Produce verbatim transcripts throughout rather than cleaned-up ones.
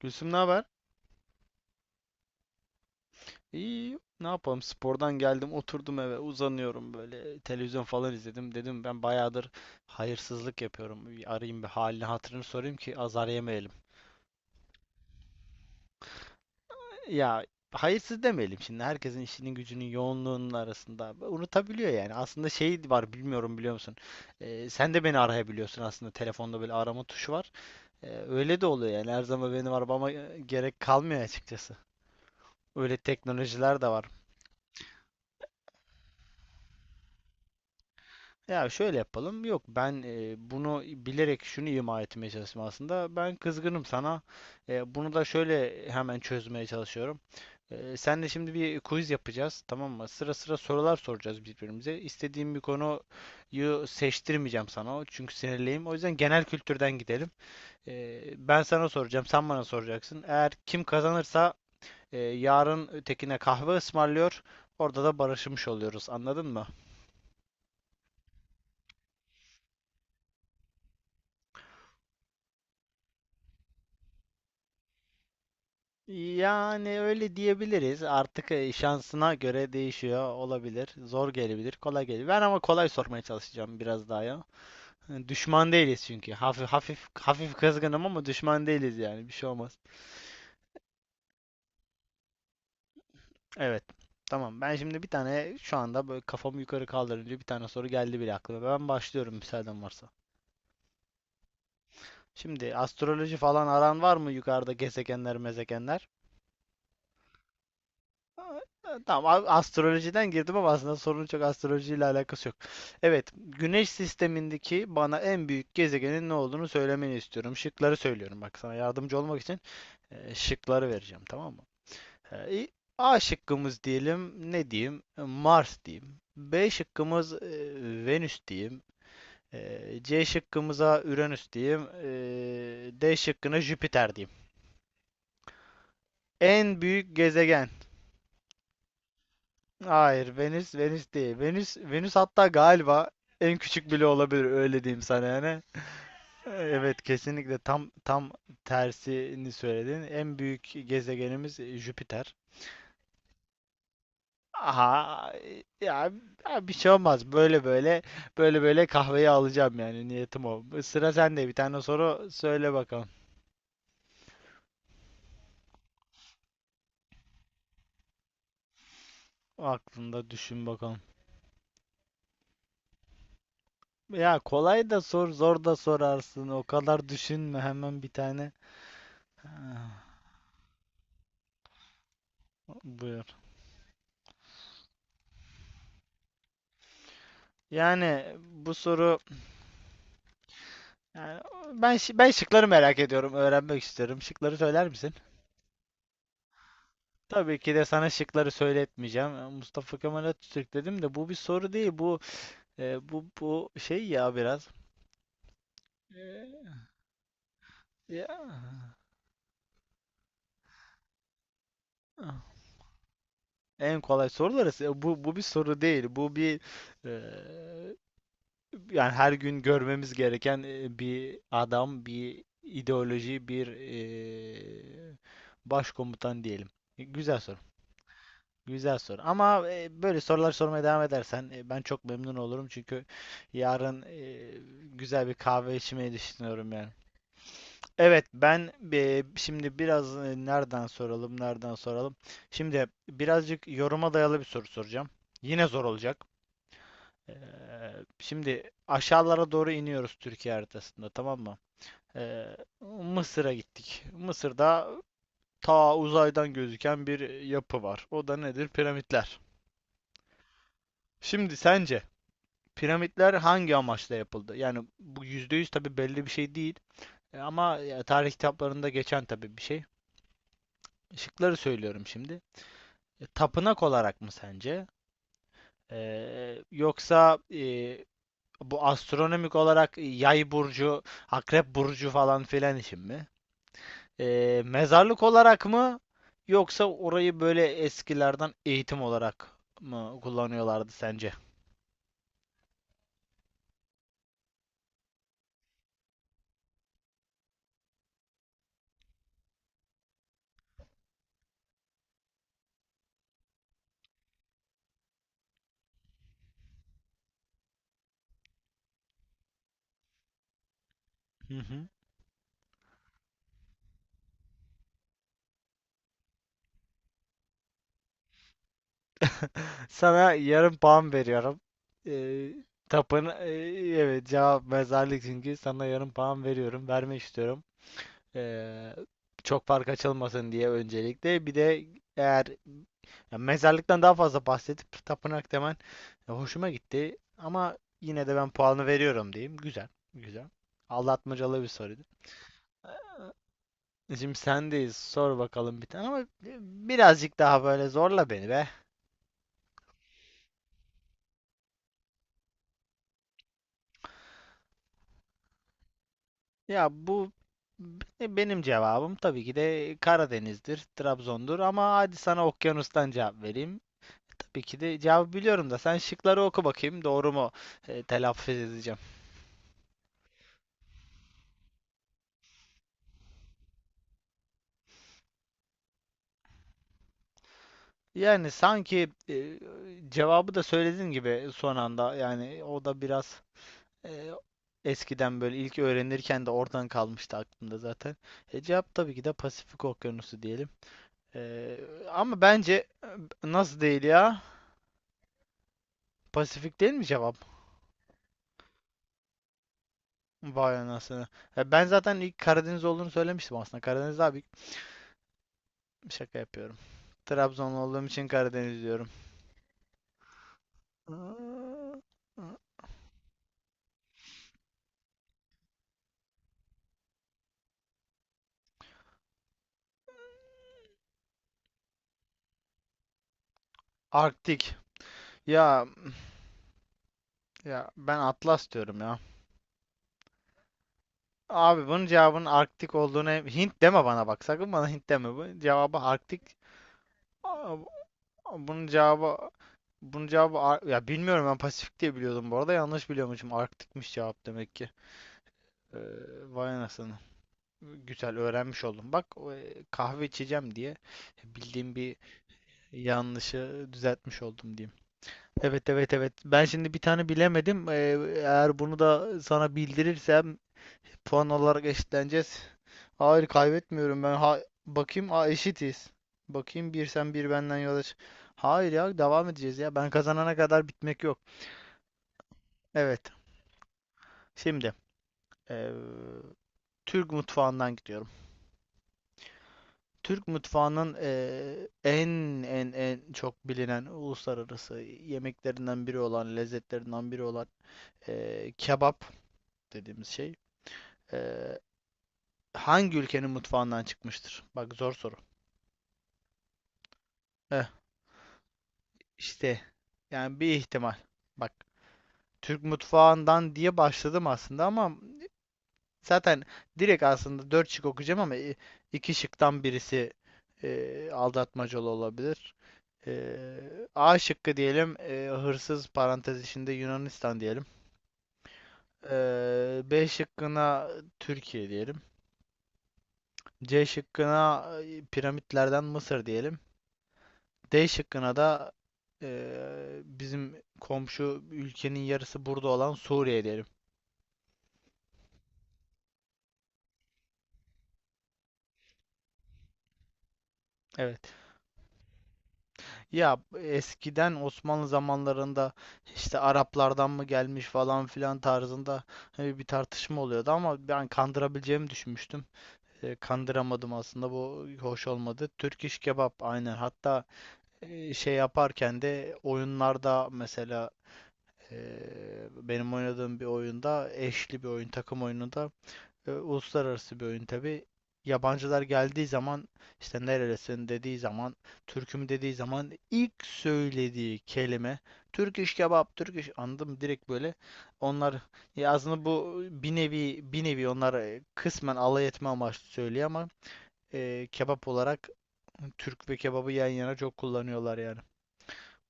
Gülsüm ne haber? İyi, ne yapalım? Spordan geldim, oturdum eve, uzanıyorum böyle. Televizyon falan izledim. Dedim ben bayağıdır hayırsızlık yapıyorum. Bir arayayım bir halini hatırını sorayım ki azar yemeyelim. Ya hayırsız demeyelim şimdi. Herkesin işinin gücünün yoğunluğunun arasında unutabiliyor yani. Aslında şey var bilmiyorum biliyor musun? Ee, sen de beni arayabiliyorsun aslında. Telefonda böyle arama tuşu var. Ee, öyle de oluyor yani. Her zaman benim arabama e, gerek kalmıyor açıkçası. Öyle teknolojiler de var. Ya şöyle yapalım. Yok ben e, bunu bilerek şunu ima etmeye çalıştım aslında. Ben kızgınım sana. E, bunu da şöyle hemen çözmeye çalışıyorum. E, senle şimdi bir quiz yapacağız, tamam mı? Sıra sıra sorular soracağız birbirimize. İstediğim bir konuyu seçtirmeyeceğim sana. Çünkü sinirliyim. O yüzden genel kültürden gidelim. E, ben sana soracağım, sen bana soracaksın. Eğer kim kazanırsa e, yarın ötekine kahve ısmarlıyor. Orada da barışmış oluyoruz. Anladın mı? Yani öyle diyebiliriz. Artık e, şansına göre değişiyor olabilir. Zor gelebilir, kolay gelebilir. Ben ama kolay sormaya çalışacağım biraz daha ya. Hani düşman değiliz çünkü. Hafif hafif hafif kızgınım ama düşman değiliz yani. Bir şey olmaz. Evet. Tamam. Ben şimdi bir tane şu anda böyle kafamı yukarı kaldırınca bir tane soru geldi bile aklıma. Ben başlıyorum müsaaden varsa. Şimdi astroloji falan aran var mı yukarıda gezegenler, mezegenler? Ha, ha, tamam, a- astrolojiden girdim ama aslında sorunun çok astrolojiyle alakası yok. Evet, Güneş sistemindeki bana en büyük gezegenin ne olduğunu söylemeni istiyorum. Şıkları söylüyorum bak sana yardımcı olmak için, e, şıkları vereceğim, tamam mı? E, i- A şıkkımız diyelim ne diyeyim? E, Mars diyeyim. B şıkkımız e, Venüs diyeyim. E, C şıkkımıza Uranüs diyeyim. E, D şıkkına Jüpiter diyeyim. En büyük gezegen. Hayır, Venüs Venüs değil. Venüs Venüs, hatta galiba en küçük bile olabilir, öyle diyeyim sana yani. Evet kesinlikle tam tam tersini söyledin. En büyük gezegenimiz Jüpiter. Aha ya, ya bir şey olmaz. Böyle böyle böyle böyle kahveyi alacağım, yani niyetim o. Sıra sende, bir tane soru söyle bakalım. Aklında düşün bakalım. Ya kolay da sor, zor da sorarsın. O kadar düşünme, hemen bir tane. Ah, bu Yani bu soru, yani ben şi- ben şıkları merak ediyorum, öğrenmek istiyorum. Şıkları söyler misin? Tabii ki de sana şıkları söyletmeyeceğim. E, Mustafa Kemal Atatürk dedim de bu bir soru değil. Bu e, bu bu şey ya biraz. E, ya. Ah, en kolay soruları. E, Bu bu bir soru değil. Bu bir, e, yani her gün görmemiz gereken e, bir adam, bir ideoloji, bir e, başkomutan diyelim. E, Güzel soru. Güzel soru. Ama e, böyle sorular sormaya devam edersen e, ben çok memnun olurum. Çünkü yarın e, güzel bir kahve içmeyi düşünüyorum yani. Evet ben e, şimdi biraz e, nereden soralım, nereden soralım. Şimdi birazcık yoruma dayalı bir soru soracağım. Yine zor olacak. Ee, şimdi aşağılara doğru iniyoruz Türkiye haritasında, tamam mı? Ee, Mısır'a gittik. Mısır'da ta uzaydan gözüken bir yapı var. O da nedir? Piramitler. Şimdi sence piramitler hangi amaçla yapıldı? Yani bu yüzde yüz tabii belli bir şey değil. E, Ama ya, tarih kitaplarında geçen tabii bir şey. Şıkları söylüyorum şimdi. E, Tapınak olarak mı sence? E, yoksa e, bu astronomik olarak e, yay burcu, akrep burcu falan filan için mi? E, mezarlık olarak mı? Yoksa orayı böyle eskilerden eğitim olarak mı kullanıyorlardı sence? Hı hı. Sana yarım puan veriyorum. Ee, tapın ee, evet cevap mezarlık, çünkü sana yarım puan veriyorum. Vermek istiyorum. Ee, çok fark açılmasın diye öncelikle. Bir de eğer, ya mezarlıktan daha fazla bahsedip tapınak demen e, hoşuma gitti. Ama yine de ben puanı veriyorum diyeyim. Güzel. Güzel. Aldatmacalı bir soruydu. Şimdi sendeyiz. Sor bakalım bir tane ama birazcık daha böyle zorla beni be. Ya bu be- benim cevabım tabii ki de Karadeniz'dir, Trabzon'dur ama hadi sana okyanustan cevap vereyim. Tabii ki de cevabı biliyorum da sen şıkları oku bakayım doğru mu e, telaffuz edeceğim. Yani sanki e, cevabı da söylediğin gibi son anda, yani o da biraz e, eskiden böyle ilk öğrenirken de oradan kalmıştı aklımda zaten. E, cevap tabii ki de Pasifik Okyanusu diyelim. E, ama bence e, nasıl değil ya? Pasifik değil mi cevap? Vay anasını. Ya ben zaten ilk Karadeniz olduğunu söylemiştim aslında. Karadeniz abi, şaka yapıyorum. Trabzonlu olduğum için Karadeniz diyorum. Arktik. Ya ya ben Atlas diyorum ya. Abi bunun cevabının Arktik olduğunu, Hint deme bana bak. Sakın bana Hint deme. Bu cevabı Arktik. Aa, Bunun cevabı bunun cevabı Ar- ya bilmiyorum, ben Pasifik diye biliyordum bu arada. Yanlış biliyormuşum. Arktikmiş cevap demek ki. Ee, vay anasını. Güzel öğrenmiş oldum. Bak e, kahve içeceğim diye bildiğim bir yanlışı düzeltmiş oldum diyeyim. Evet evet evet. Ben şimdi bir tane bilemedim. Ee, eğer bunu da sana bildirirsem puan olarak eşitleneceğiz. Hayır kaybetmiyorum ben. Ha, bakayım. Aa, eşitiz. Bakayım, bir sen bir benden yola çık. Hayır ya, devam edeceğiz ya. Ben kazanana kadar bitmek yok. Evet. Şimdi ee, Türk mutfağından gidiyor. Türk mutfağının, eee, en en en çok bilinen uluslararası yemeklerinden biri olan, lezzetlerinden biri olan eee, kebap dediğimiz şey eee, hangi ülkenin mutfağından çıkmıştır? Bak zor soru. Eh, işte yani bir ihtimal. Bak, Türk mutfağından diye başladım aslında ama zaten direkt aslında dört şık okuyacağım ama i- iki şıktan birisi e, aldatmacalı olabilir. E, A şıkkı diyelim, e, hırsız parantez içinde Yunanistan diyelim. E, B şıkkına Türkiye diyelim. C şıkkına e, piramitlerden Mısır diyelim. D şıkkına da e, bizim komşu ülkenin yarısı burada olan Suriye diyelim. Evet. Ya eskiden Osmanlı zamanlarında işte Araplardan mı gelmiş falan filan tarzında e, bir tartışma oluyordu ama ben kandırabileceğimi düşünmüştüm. E, kandıramadım aslında, bu hoş olmadı. Türk iş kebap aynen, hatta e, şey yaparken de oyunlarda mesela e, benim oynadığım bir oyunda, eşli bir oyun, takım oyununda e, uluslararası bir oyun tabi. Yabancılar geldiği zaman işte nerelisin dediği zaman, Türk'üm dediği zaman ilk söylediği kelime Türk iş kebap, Türk iş anladım direkt böyle. Onlar, ya aslında bu bir nevi bir nevi onlar e, kısmen alay etme amaçlı söylüyor ama e, kebap olarak Türk ve kebabı yan yana çok kullanıyorlar yani.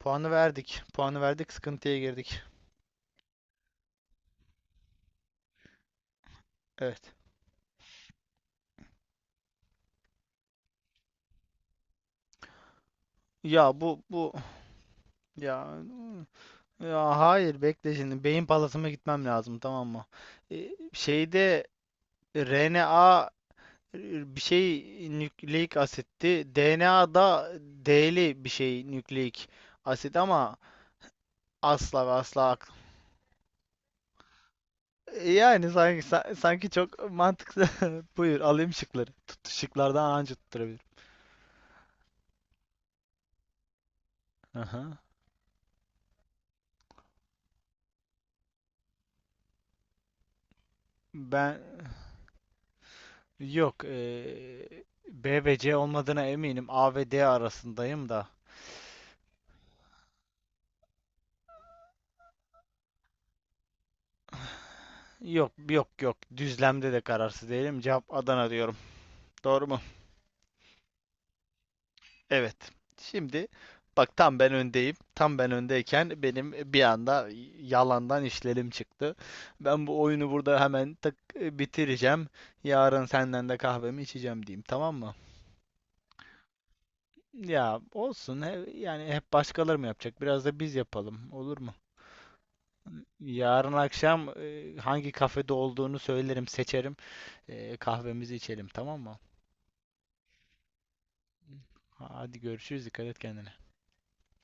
Puanı verdik. Puanı verdik, sıkıntıya girdik. Evet. Ya bu bu ya Ya hayır bekle, şimdi beyin palasıma gitmem lazım tamam mı? E, şeyde R N A, e, bir şey nükleik asitti. D N A'da D'li bir şey nükleik asit ama asla ve asla aklım. E, Yani sanki sa- sanki çok mantıklı. Buyur alayım şıkları. Tut, şıklardan anca tutturabilirim. Aha. Ben yok e, B ve C olmadığına eminim. A ve D arasındayım da. Yok yok yok. Düzlemde de kararsız değilim. Cevap Adana diyorum. Doğru mu? Evet. Şimdi bak tam ben öndeyim. Tam ben öndeyken benim bir anda yalandan işlerim çıktı. Ben bu oyunu burada hemen tık e, bitireceğim. Yarın senden de kahvemi içeceğim diyeyim. Tamam mı? Ya olsun. He- Yani hep başkaları mı yapacak? Biraz da biz yapalım. Olur mu? Yarın akşam e, hangi kafede olduğunu söylerim, seçerim. E, kahvemizi içelim. Tamam mı? Hadi görüşürüz. Dikkat et kendine.